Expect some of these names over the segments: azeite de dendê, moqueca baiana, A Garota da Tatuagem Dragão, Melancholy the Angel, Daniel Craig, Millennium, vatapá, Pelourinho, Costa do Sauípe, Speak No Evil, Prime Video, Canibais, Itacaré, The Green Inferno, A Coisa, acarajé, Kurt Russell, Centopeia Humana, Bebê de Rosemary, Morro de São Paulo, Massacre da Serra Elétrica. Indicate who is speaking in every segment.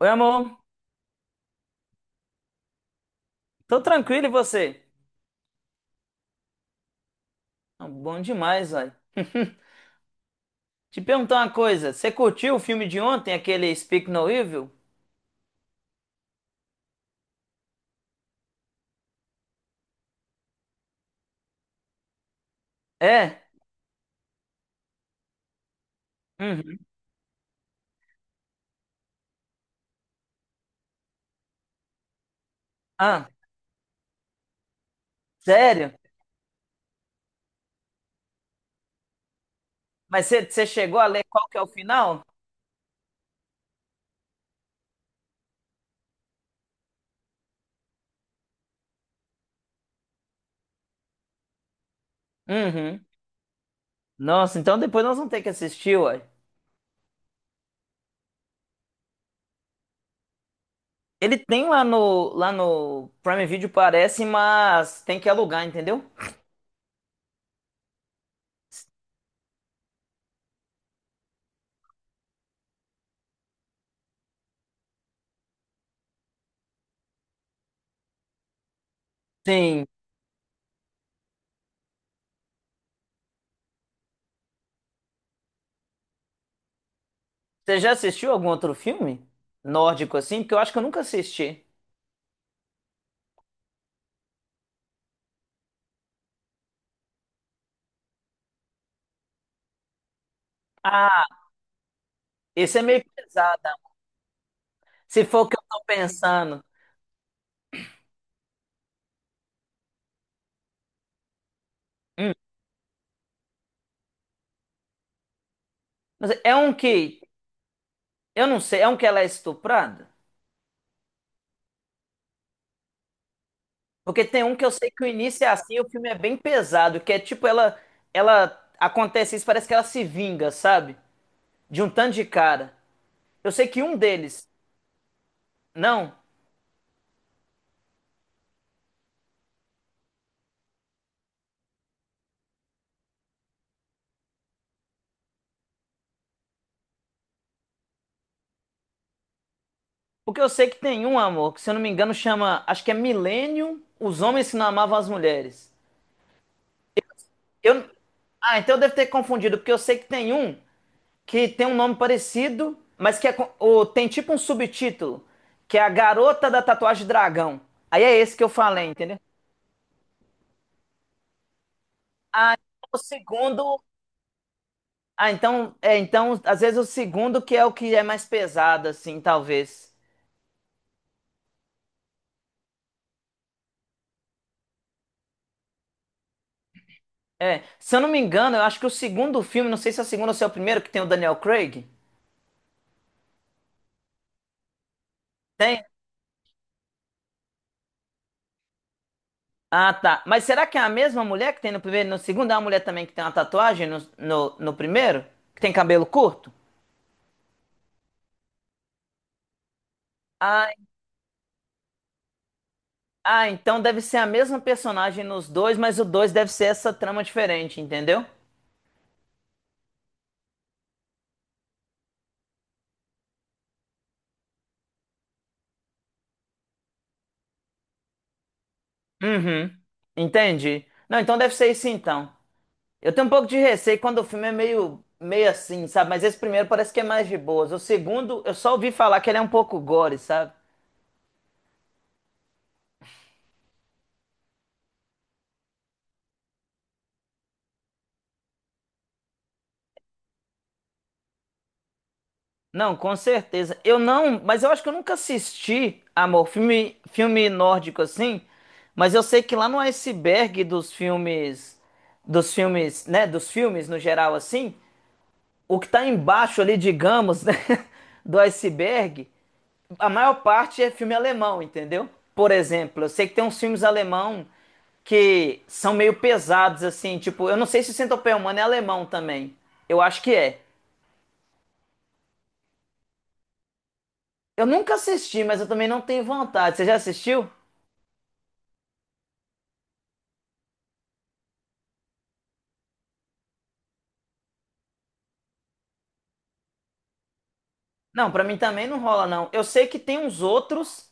Speaker 1: Oi, amor. Tô tranquilo e você? Ah, bom demais, velho. Te perguntar uma coisa. Você curtiu o filme de ontem, aquele Speak No Evil? É? Uhum. Ah, sério? Mas você chegou a ler qual que é o final? Uhum. Nossa, então depois nós vamos ter que assistir, uai. Ele tem lá no Prime Video, parece, mas tem que alugar, entendeu? Sim. Você já assistiu algum outro filme nórdico assim? Porque eu acho que eu nunca assisti. Ah, esse é meio pesado. Se for o que eu tô pensando. Hum. Mas é um que. Eu não sei, é um que ela é estuprada? Porque tem um que eu sei que o início é assim, o filme é bem pesado, que é tipo ela. Ela. Acontece isso, parece que ela se vinga, sabe? De um tanto de cara. Eu sei que um deles. Não. Porque eu sei que tem um, amor, que se eu não me engano chama. Acho que é Millennium, os homens que não amavam as mulheres. Eu. Ah, então eu devo ter confundido, porque eu sei que tem um. Que tem um nome parecido, mas que é com- o- tem tipo um subtítulo, que é A Garota da Tatuagem Dragão. Aí é esse que eu falei, entendeu? Ah, então o segundo. Ah, então, é, então, às vezes o segundo que é o que é mais pesado, assim, talvez. É, se eu não me engano, eu acho que o segundo filme, não sei se é o segundo ou se é o primeiro, que tem o Daniel Craig. Tem? Ah, tá. Mas será que é a mesma mulher que tem no primeiro e no segundo? É uma mulher também que tem uma tatuagem no primeiro? Que tem cabelo curto? Ah. Ah, então deve ser a mesma personagem nos dois, mas o dois deve ser essa trama diferente, entendeu? Uhum. Entendi. Não, então deve ser isso então. Eu tenho um pouco de receio quando o filme é meio assim, sabe? Mas esse primeiro parece que é mais de boas. O segundo, eu só ouvi falar que ele é um pouco gore, sabe? Não, com certeza. Eu não, mas eu acho que eu nunca assisti, amor, filme nórdico assim. Mas eu sei que lá no iceberg dos filmes, né? Dos filmes no geral assim. O que está embaixo ali, digamos, né, do iceberg, a maior parte é filme alemão, entendeu? Por exemplo, eu sei que tem uns filmes alemão que são meio pesados, assim, tipo, eu não sei se Centopeia Humana é alemão também. Eu acho que é. Eu nunca assisti, mas eu também não tenho vontade. Você já assistiu? Não, pra mim também não rola, não. Eu sei que tem uns outros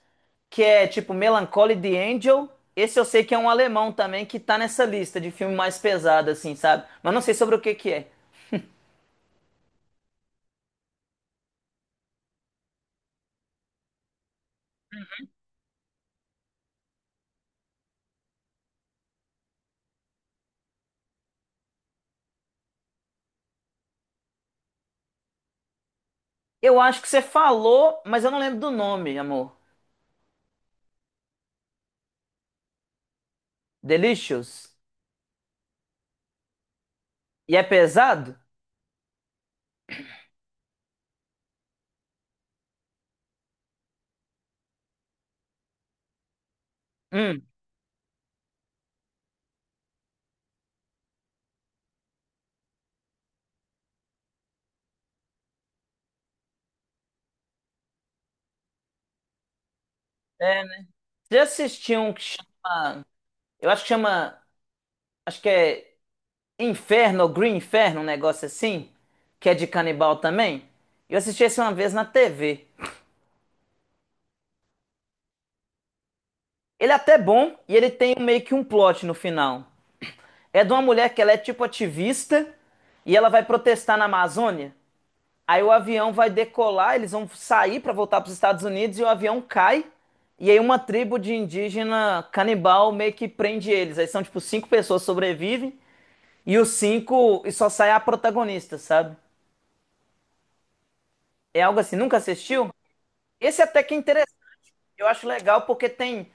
Speaker 1: que é tipo Melancholy the Angel. Esse eu sei que é um alemão também que tá nessa lista de filme mais pesado, assim, sabe? Mas não sei sobre o que que é. Eu acho que você falou, mas eu não lembro do nome, amor. Delicious. E é pesado? Hum. É, né? Você assistiu um que chama. Eu acho que chama. Acho que é Inferno ou Green Inferno, um negócio assim. Que é de canibal também. Eu assisti esse uma vez na TV. Ele é até bom e ele tem meio que um plot no final. É de uma mulher que ela é tipo ativista e ela vai protestar na Amazônia. Aí o avião vai decolar, eles vão sair para voltar para os Estados Unidos e o avião cai. E aí uma tribo de indígena canibal meio que prende eles. Aí são tipo cinco pessoas sobrevivem e os cinco e só sai a protagonista, sabe? É algo assim. Nunca assistiu? Esse até que é interessante. Eu acho legal porque tem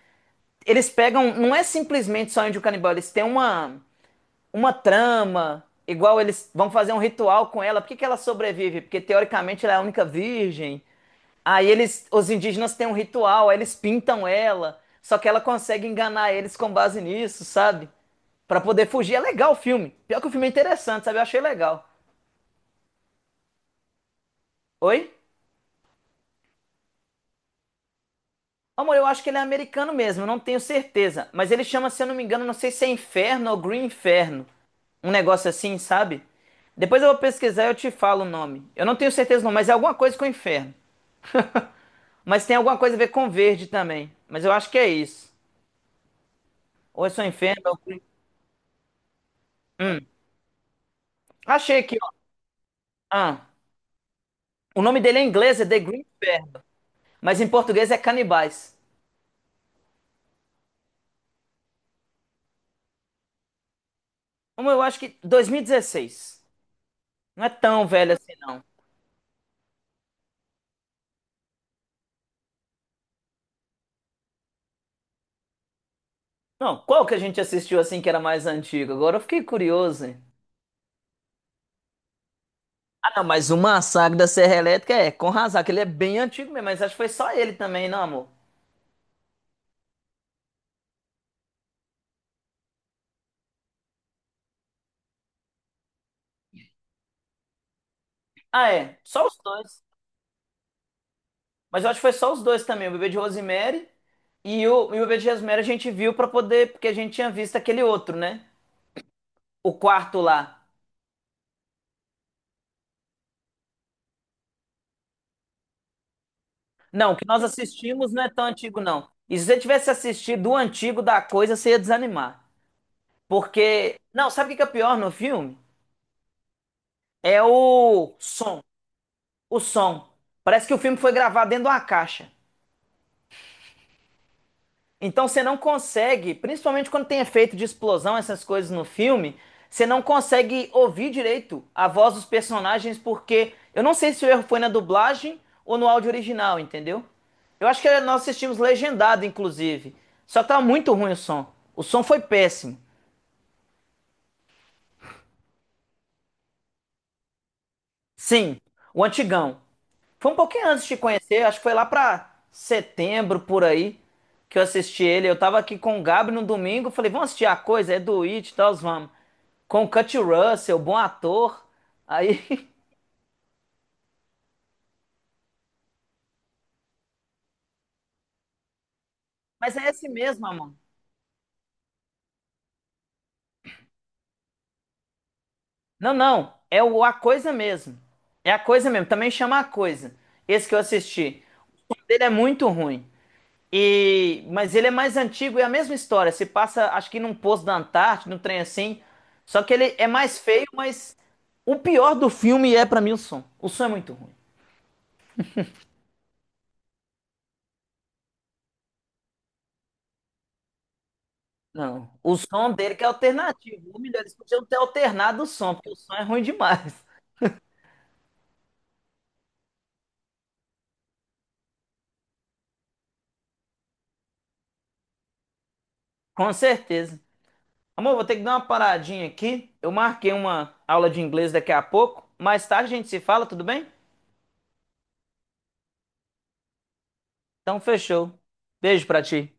Speaker 1: eles pegam, não é simplesmente só índio canibal, eles têm uma trama, igual eles vão fazer um ritual com ela. Por que que ela sobrevive? Porque teoricamente ela é a única virgem. Aí eles, os indígenas têm um ritual, aí eles pintam ela, só que ela consegue enganar eles com base nisso, sabe? Pra poder fugir. É legal o filme. Pior que o filme é interessante, sabe? Eu achei legal. Oi? Amor, eu acho que ele é americano mesmo, eu não tenho certeza. Mas ele chama, se eu não me engano, não sei se é Inferno ou Green Inferno. Um negócio assim, sabe? Depois eu vou pesquisar e eu te falo o nome. Eu não tenho certeza não, mas é alguma coisa com Inferno. Mas tem alguma coisa a ver com verde também. Mas eu acho que é isso. Ou é só Inferno ou Hum. Achei aqui, ó. Ah. O nome dele em inglês é The Green Inferno, mas em português é Canibais. Como eu acho que 2016. Não é tão velho assim, não. Não, qual que a gente assistiu assim que era mais antigo? Agora eu fiquei curioso, hein? Ah, não, mas o Massacre da Serra Elétrica é com razão, que ele é bem antigo mesmo, mas acho que foi só ele também, não, amor? Ah, é, só os dois. Mas eu acho que foi só os dois também, o Bebê de Rosemary e o Bebê de Rosemary a gente viu pra poder, porque a gente tinha visto aquele outro, né? O quarto lá. Não, o que nós assistimos não é tão antigo, não. E se você tivesse assistido o antigo da coisa, você ia desanimar. Porque. Não, sabe o que que é pior no filme? É o som. O som. Parece que o filme foi gravado dentro de uma caixa. Então você não consegue, principalmente quando tem efeito de explosão, essas coisas no filme, você não consegue ouvir direito a voz dos personagens, porque eu não sei se o erro foi na dublagem ou no áudio original, entendeu? Eu acho que nós assistimos legendado, inclusive. Só tá muito ruim o som. O som foi péssimo. Sim, o antigão. Foi um pouquinho antes de te conhecer, acho que foi lá pra setembro por aí que eu assisti ele. Eu tava aqui com o Gabi no domingo, falei, vamos assistir a coisa, é do It, e tal, vamos. Com o Kurt Russell, bom ator. Aí, mas é esse mesmo, mano. Não, não, é o A Coisa mesmo. É a coisa mesmo, também chama A Coisa. Esse que eu assisti. O som dele é muito ruim. E, mas ele é mais antigo e é a mesma história. Se passa, acho que num posto da Antártida, num trem assim. Só que ele é mais feio, mas o pior do filme é pra mim o som. O som é muito ruim. Não, o som dele que é alternativo. O melhor, eles podiam ter alternado o som, porque o som é ruim demais. Com certeza. Amor, vou ter que dar uma paradinha aqui. Eu marquei uma aula de inglês daqui a pouco. Mais tarde a gente se fala, tudo bem? Então fechou. Beijo pra ti.